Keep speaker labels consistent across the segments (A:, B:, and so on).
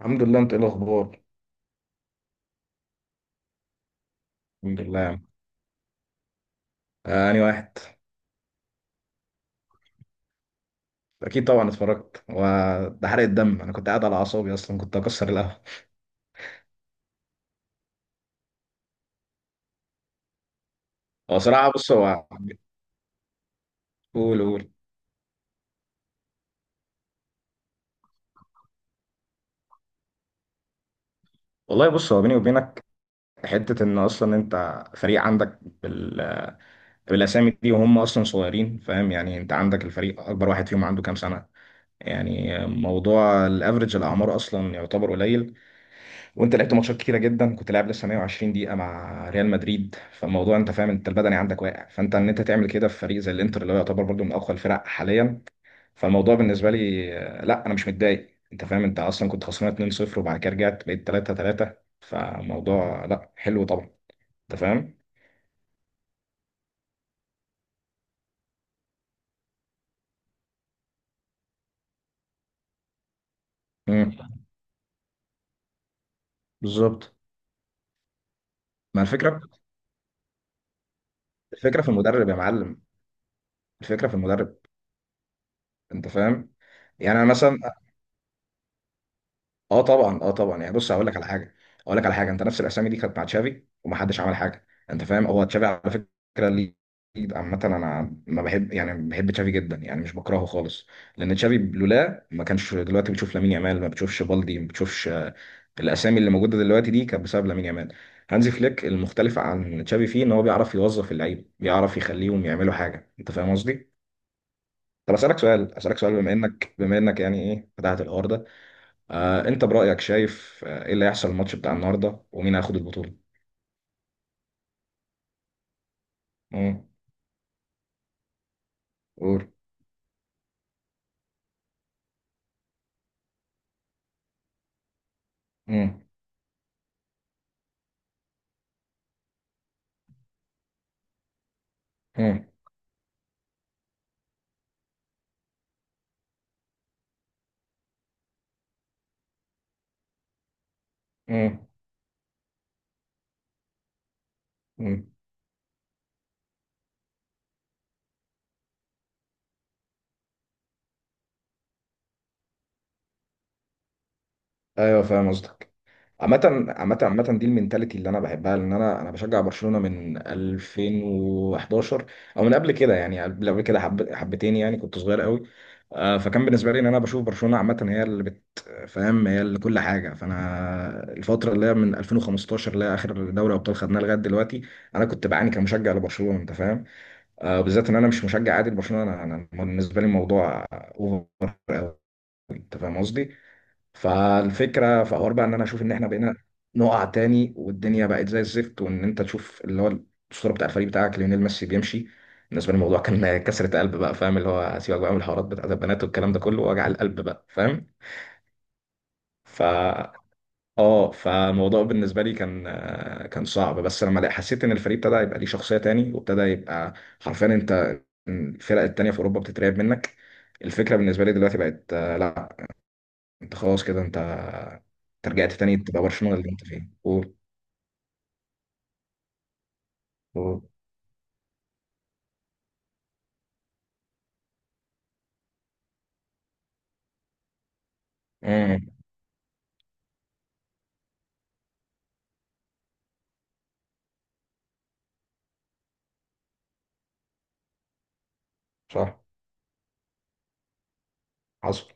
A: الحمد لله، انت ايه الاخبار؟ الحمد لله يا عم. انهي واحد؟ اكيد طبعا اتفرجت، وده حرق الدم. انا كنت قاعد على اعصابي اصلا، كنت اكسر القهوه. هو صراحه بص هو، قول قول. والله بص، هو بيني وبينك حته ان اصلا انت فريق عندك بال... بالاسامي دي وهم اصلا صغيرين، فاهم يعني؟ انت عندك الفريق اكبر واحد فيهم عنده كام سنه؟ يعني موضوع الافرج الاعمار اصلا يعتبر قليل. وانت لعبت ماتشات كتيره جدا، كنت لاعب لسه 120 دقيقه مع ريال مدريد، فالموضوع انت فاهم، انت البدني عندك واقع. فانت ان انت تعمل كده في فريق زي الانتر اللي هو يعتبر برضه من اقوى الفرق حاليا، فالموضوع بالنسبه لي، لا انا مش متضايق. انت فاهم؟ انت اصلا كنت خسران 2-0، وبعد كده رجعت بقيت 3-3، فالموضوع لا، حلو طبعا. انت فاهم؟ امم. بالظبط. ما الفكره، الفكره في المدرب يا معلم. الفكره في المدرب. انت فاهم؟ يعني انا مثلا، اه طبعا اه طبعا. يعني بص، هقول لك على حاجه. انت نفس الاسامي دي كانت مع تشافي ومحدش عمل حاجه. انت فاهم؟ هو تشافي على فكره ليه؟ عامه انا ما بحب، يعني بحب تشافي جدا يعني، مش بكرهه خالص. لان تشافي لولا ما كانش، دلوقتي بتشوف لامين يامال؟ ما بتشوفش بالدي؟ ما بتشوفش. الاسامي اللي موجوده دلوقتي دي كانت بسبب لامين يامال. هانزي فليك المختلف عن تشافي فيه ان هو بيعرف يوظف اللعيبه، بيعرف يخليهم يعملوا حاجه. انت فاهم قصدي؟ طب اسالك سؤال، بما انك يعني ايه فتحت الحوار ده؟ انت برأيك شايف ايه اللي هيحصل الماتش بتاع النهارده ومين هياخد البطولة؟ امم. قول. امم. امم. امم. امم. ايوه فاهم قصدك. عامة عامة، دي المينتاليتي اللي انا بحبها، لان انا بشجع برشلونة من 2011، او من قبل كده يعني، قبل كده حب حبتين يعني كنت صغير قوي. فكان بالنسبة لي ان انا بشوف برشلونة عامة هي اللي بت، فاهم؟ هي اللي كل حاجة. فانا الفترة اللي هي من 2015 اللي هي اخر دوري ابطال خدناه لغاية دلوقتي، انا كنت بعاني كمشجع لبرشلونة. انت فاهم؟ بالذات ان انا مش مشجع عادي لبرشلونه، انا بالنسبه لي الموضوع اوفر قوي. انت فاهم قصدي؟ فالفكره في حوار بقى ان انا اشوف ان احنا بقينا نقع تاني، والدنيا بقت زي الزفت، وان انت تشوف اللي هو الصوره بتاع الفريق بتاعك ليونيل ميسي بيمشي. بالنسبه لي الموضوع كان كسرة قلب بقى. فاهم اللي هو؟ سيبك بقى من الحوارات بتاعت البنات والكلام ده كله، وجع القلب بقى. فاهم؟ ف اه، فالموضوع بالنسبه لي كان صعب، بس لما حسيت ان الفريق ابتدى يبقى ليه شخصيه تاني، وابتدى يبقى حرفيا، انت، الفرق التانيه في اوروبا بتترعب منك. الفكره بالنسبه لي دلوقتي بقت، لا، انت خلاص كده، انت رجعت تاني تبقى برشلونه اللي انت فيه. قول قول. امم. صح. حصل.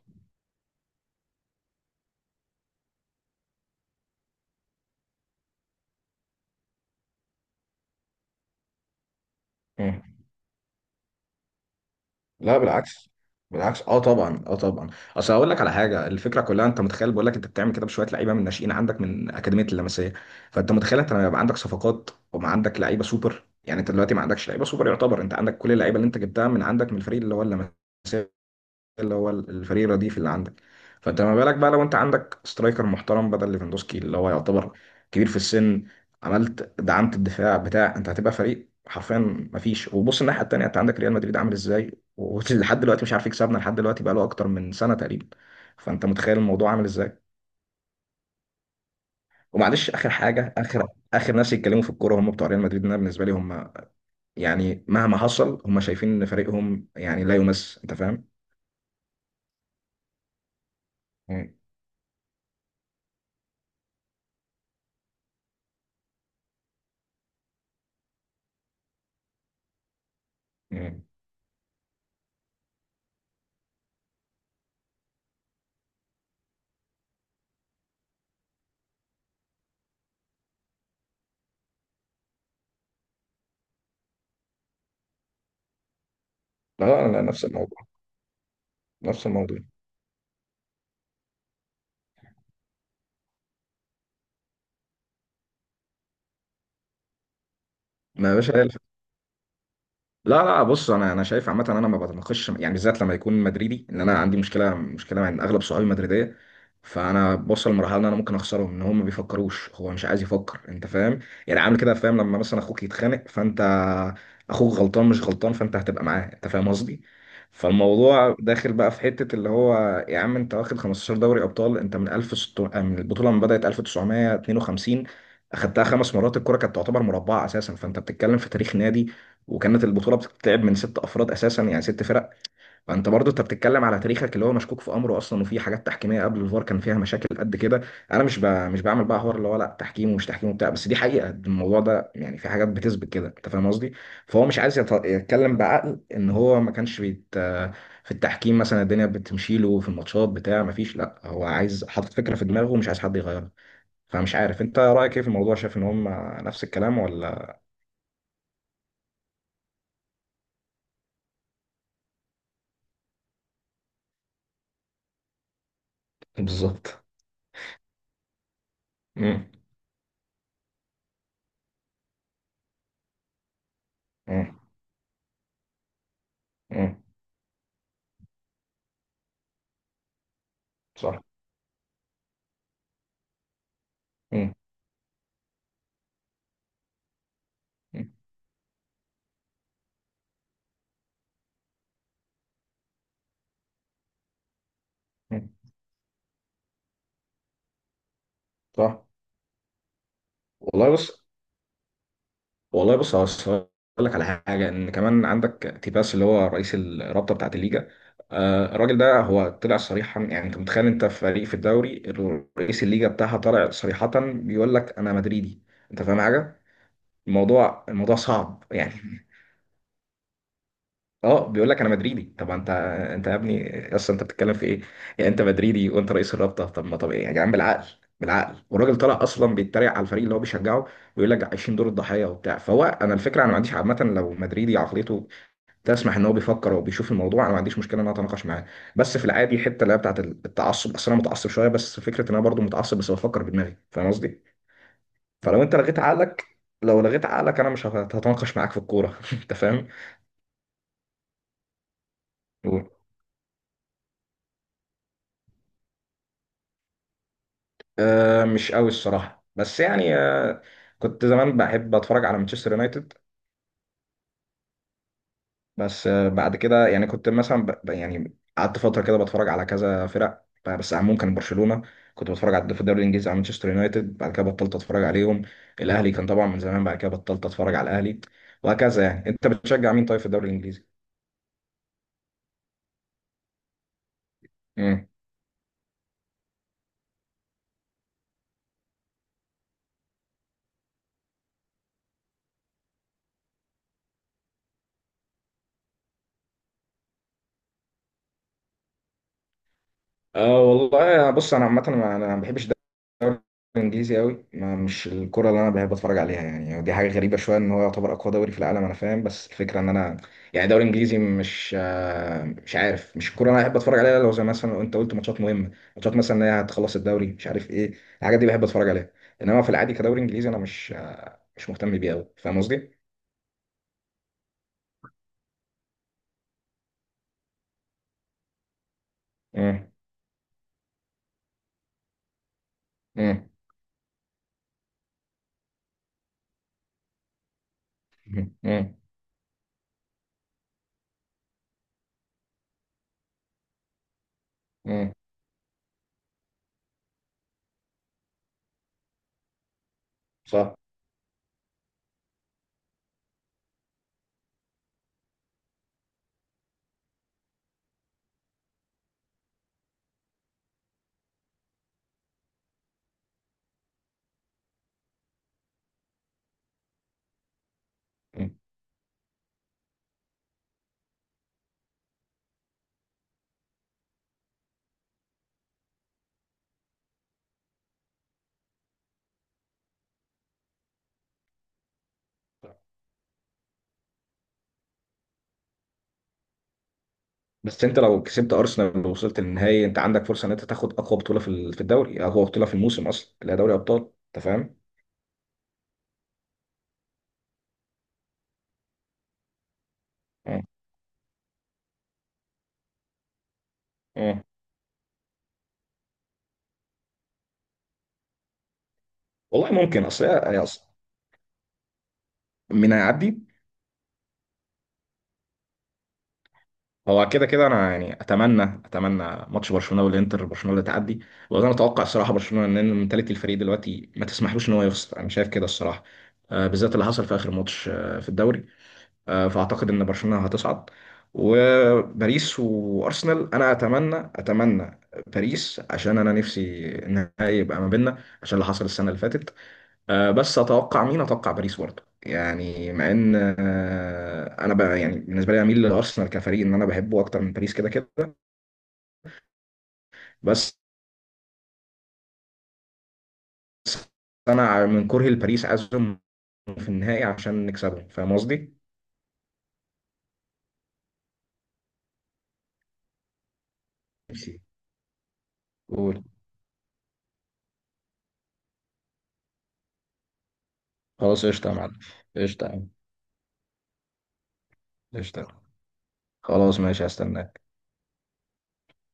A: لا بالعكس. بالعكس، اه طبعا اه طبعا. اصل هقول لك على حاجه، الفكره كلها، انت متخيل؟ بقول لك، انت بتعمل كده بشويه لعيبه من ناشئين عندك من اكاديميه اللمسيه. فانت متخيل انت لما يبقى عندك صفقات وما عندك لعيبه سوبر؟ يعني انت دلوقتي ما عندكش لعيبه سوبر، يعتبر انت عندك كل اللعيبه اللي انت جبتها من عندك من الفريق اللي هو اللمسيه، اللي هو الفريق الرديف اللي عندك. فانت ما بالك بقى لو انت عندك سترايكر محترم بدل ليفاندوسكي اللي هو يعتبر كبير في السن، عملت دعمت الدفاع بتاع؟ انت هتبقى فريق حرفيا ما فيش. وبص الناحيه التانيه، انت عندك ريال مدريد عامل ازاي، ولحد دلوقتي مش عارف يكسبنا، لحد دلوقتي بقى له اكتر من سنه تقريبا. فانت متخيل الموضوع عامل ازاي؟ ومعلش، اخر حاجه، اخر ناس يتكلموا في الكوره هم بتوع ريال مدريد. انا بالنسبه لي هم يعني مهما حصل هم شايفين ان فريقهم يعني لا يمس. انت فاهم؟ مم. مم. لا لا لا، نفس الموضوع. نفس الموضوع. ما يا باشا، هي لا لا، بص انا شايف، عامه انا ما بتناقش يعني، بالذات لما يكون مدريدي، ان انا عندي مشكله مع ان اغلب صحابي مدريديه. فانا بوصل لمرحله ان انا ممكن اخسرهم ان هم ما بيفكروش. هو مش عايز يفكر. انت فاهم؟ يعني عامل كده. فاهم؟ لما مثلا اخوك يتخانق، فانت اخوك غلطان مش غلطان، فانت هتبقى معاه. انت فاهم قصدي؟ فالموضوع داخل بقى في حته اللي هو، يا عم انت واخد 15 دوري ابطال، انت من 1600 من البطوله، لما بدات 1952 اخدتها 5 مرات. الكره كانت تعتبر مربعه اساسا، فانت بتتكلم في تاريخ نادي، وكانت البطوله بتتلعب من 6 افراد اساسا، يعني 6 فرق. فانت برضو انت بتتكلم على تاريخك اللي هو مشكوك في امره اصلا، وفي حاجات تحكيميه قبل الفار كان فيها مشاكل قد كده. انا مش بعمل بقى حوار اللي هو لا تحكيم ومش تحكيم وبتاع، بس دي حقيقه، الموضوع ده يعني في حاجات بتثبت كده. انت فاهم قصدي؟ فهو مش عايز يتكلم بعقل ان هو ما كانش في التحكيم مثلا الدنيا بتمشي له في الماتشات بتاع، ما فيش. لا هو عايز حاطط فكره في دماغه ومش عايز حد يغيرها. فمش عارف انت رايك ايه في الموضوع، شايف ان هم نفس الكلام ولا؟ بالظبط. امم. امم. صح. مم. مم. مم. صح. والله بص والله بص، هقول لك على حاجه، ان كمان عندك تيباس اللي هو رئيس الرابطه بتاعه الليجا. الراجل ده هو طلع صريحا، يعني انت متخيل انت في فريق في الدوري، رئيس الليجا بتاعها طلع صريحه بيقول لك انا مدريدي؟ انت فاهم حاجه؟ الموضوع صعب يعني. اه بيقول لك انا مدريدي. طب انت، انت يا ابني اصلا انت بتتكلم في ايه؟ يعني انت مدريدي وانت رئيس الرابطه! طب ما طب ايه يا جدعان؟ بالعقل، بالعقل. والراجل طلع اصلا بيتريق على الفريق اللي هو بيشجعه، ويقول لك عايشين دور الضحيه وبتاع. فهو، انا الفكره انا ما عنديش، عامه لو مدريدي عقليته تسمح ان هو بيفكر وبيشوف الموضوع، انا ما عنديش مشكله ان انا اتناقش معاه. بس في العادي حته اللي هي بتاعت التعصب، اصل انا متعصب شويه، بس فكره ان انا برضو متعصب بس بفكر بدماغي، فاهم قصدي؟ فلو انت لغيت عقلك، لو لغيت عقلك، انا مش هتناقش معاك في الكوره. انت فاهم؟ آه مش قوي الصراحة، بس يعني، كنت زمان بحب اتفرج على مانشستر يونايتد، بس بعد كده يعني كنت مثلا، يعني قعدت فترة كده بتفرج على كذا فرق، بس عموما كان برشلونة، كنت بتفرج على في الدوري الانجليزي على مانشستر يونايتد. بعد كده بطلت اتفرج عليهم. الاهلي كان طبعا من زمان، بعد كده بطلت اتفرج على الاهلي. وهكذا يعني. انت بتشجع مين طيب في الدوري الانجليزي؟ اه والله بص، انا عامه، انا ما بحبش الدوري الانجليزي قوي، ما مش الكره اللي انا بحب اتفرج عليها، يعني دي حاجه غريبه شويه ان هو يعتبر اقوى دوري في العالم، انا فاهم بس الفكره ان انا يعني الدوري الانجليزي مش عارف، مش الكره اللي انا بحب اتفرج عليها. لو زي مثلا لو انت قلت ماتشات مهمه، ماتشات مثلا ان هي هتخلص الدوري، مش عارف ايه، الحاجات دي بحب اتفرج عليها. انما في العادي كدوري انجليزي انا مش مهتم بيه قوي. فاهم قصدي؟ امم. امم. امم. امم. صح. مم. بس انت لو كسبت ارسنال ووصلت للنهائي، انت عندك فرصه ان انت تاخد اقوى بطوله في في الدوري، اقوى بطوله في الموسم اصلا اللي هي دوري ابطال. انت فاهم؟ اه اه والله ممكن. اصل هي اصلا مين هيعدي؟ هو كده كده انا يعني اتمنى ماتش برشلونه والانتر، برشلونه اللي تعدي. وانا اتوقع الصراحه برشلونه ان منتاليتي الفريق دلوقتي ما تسمحلوش ان هو يخسر. انا شايف كده الصراحه، بالذات اللي حصل في اخر ماتش في الدوري، فاعتقد ان برشلونه هتصعد. وباريس وارسنال، انا اتمنى باريس عشان انا نفسي النهائي يبقى ما بيننا عشان اللي حصل السنه اللي فاتت. بس اتوقع، مين اتوقع؟ باريس برضه يعني، مع ان انا بقى يعني، بالنسبه لي اميل لارسنال كفريق ان انا بحبه اكتر من باريس كده كده، بس انا من كرهي لباريس عايزهم في النهائي عشان نكسبهم. فاهم قصدي؟ ماشي. قول. خلاص قشطه يا معلم. قشطه يا عم، قشطه. خلاص ماشي، هستنى.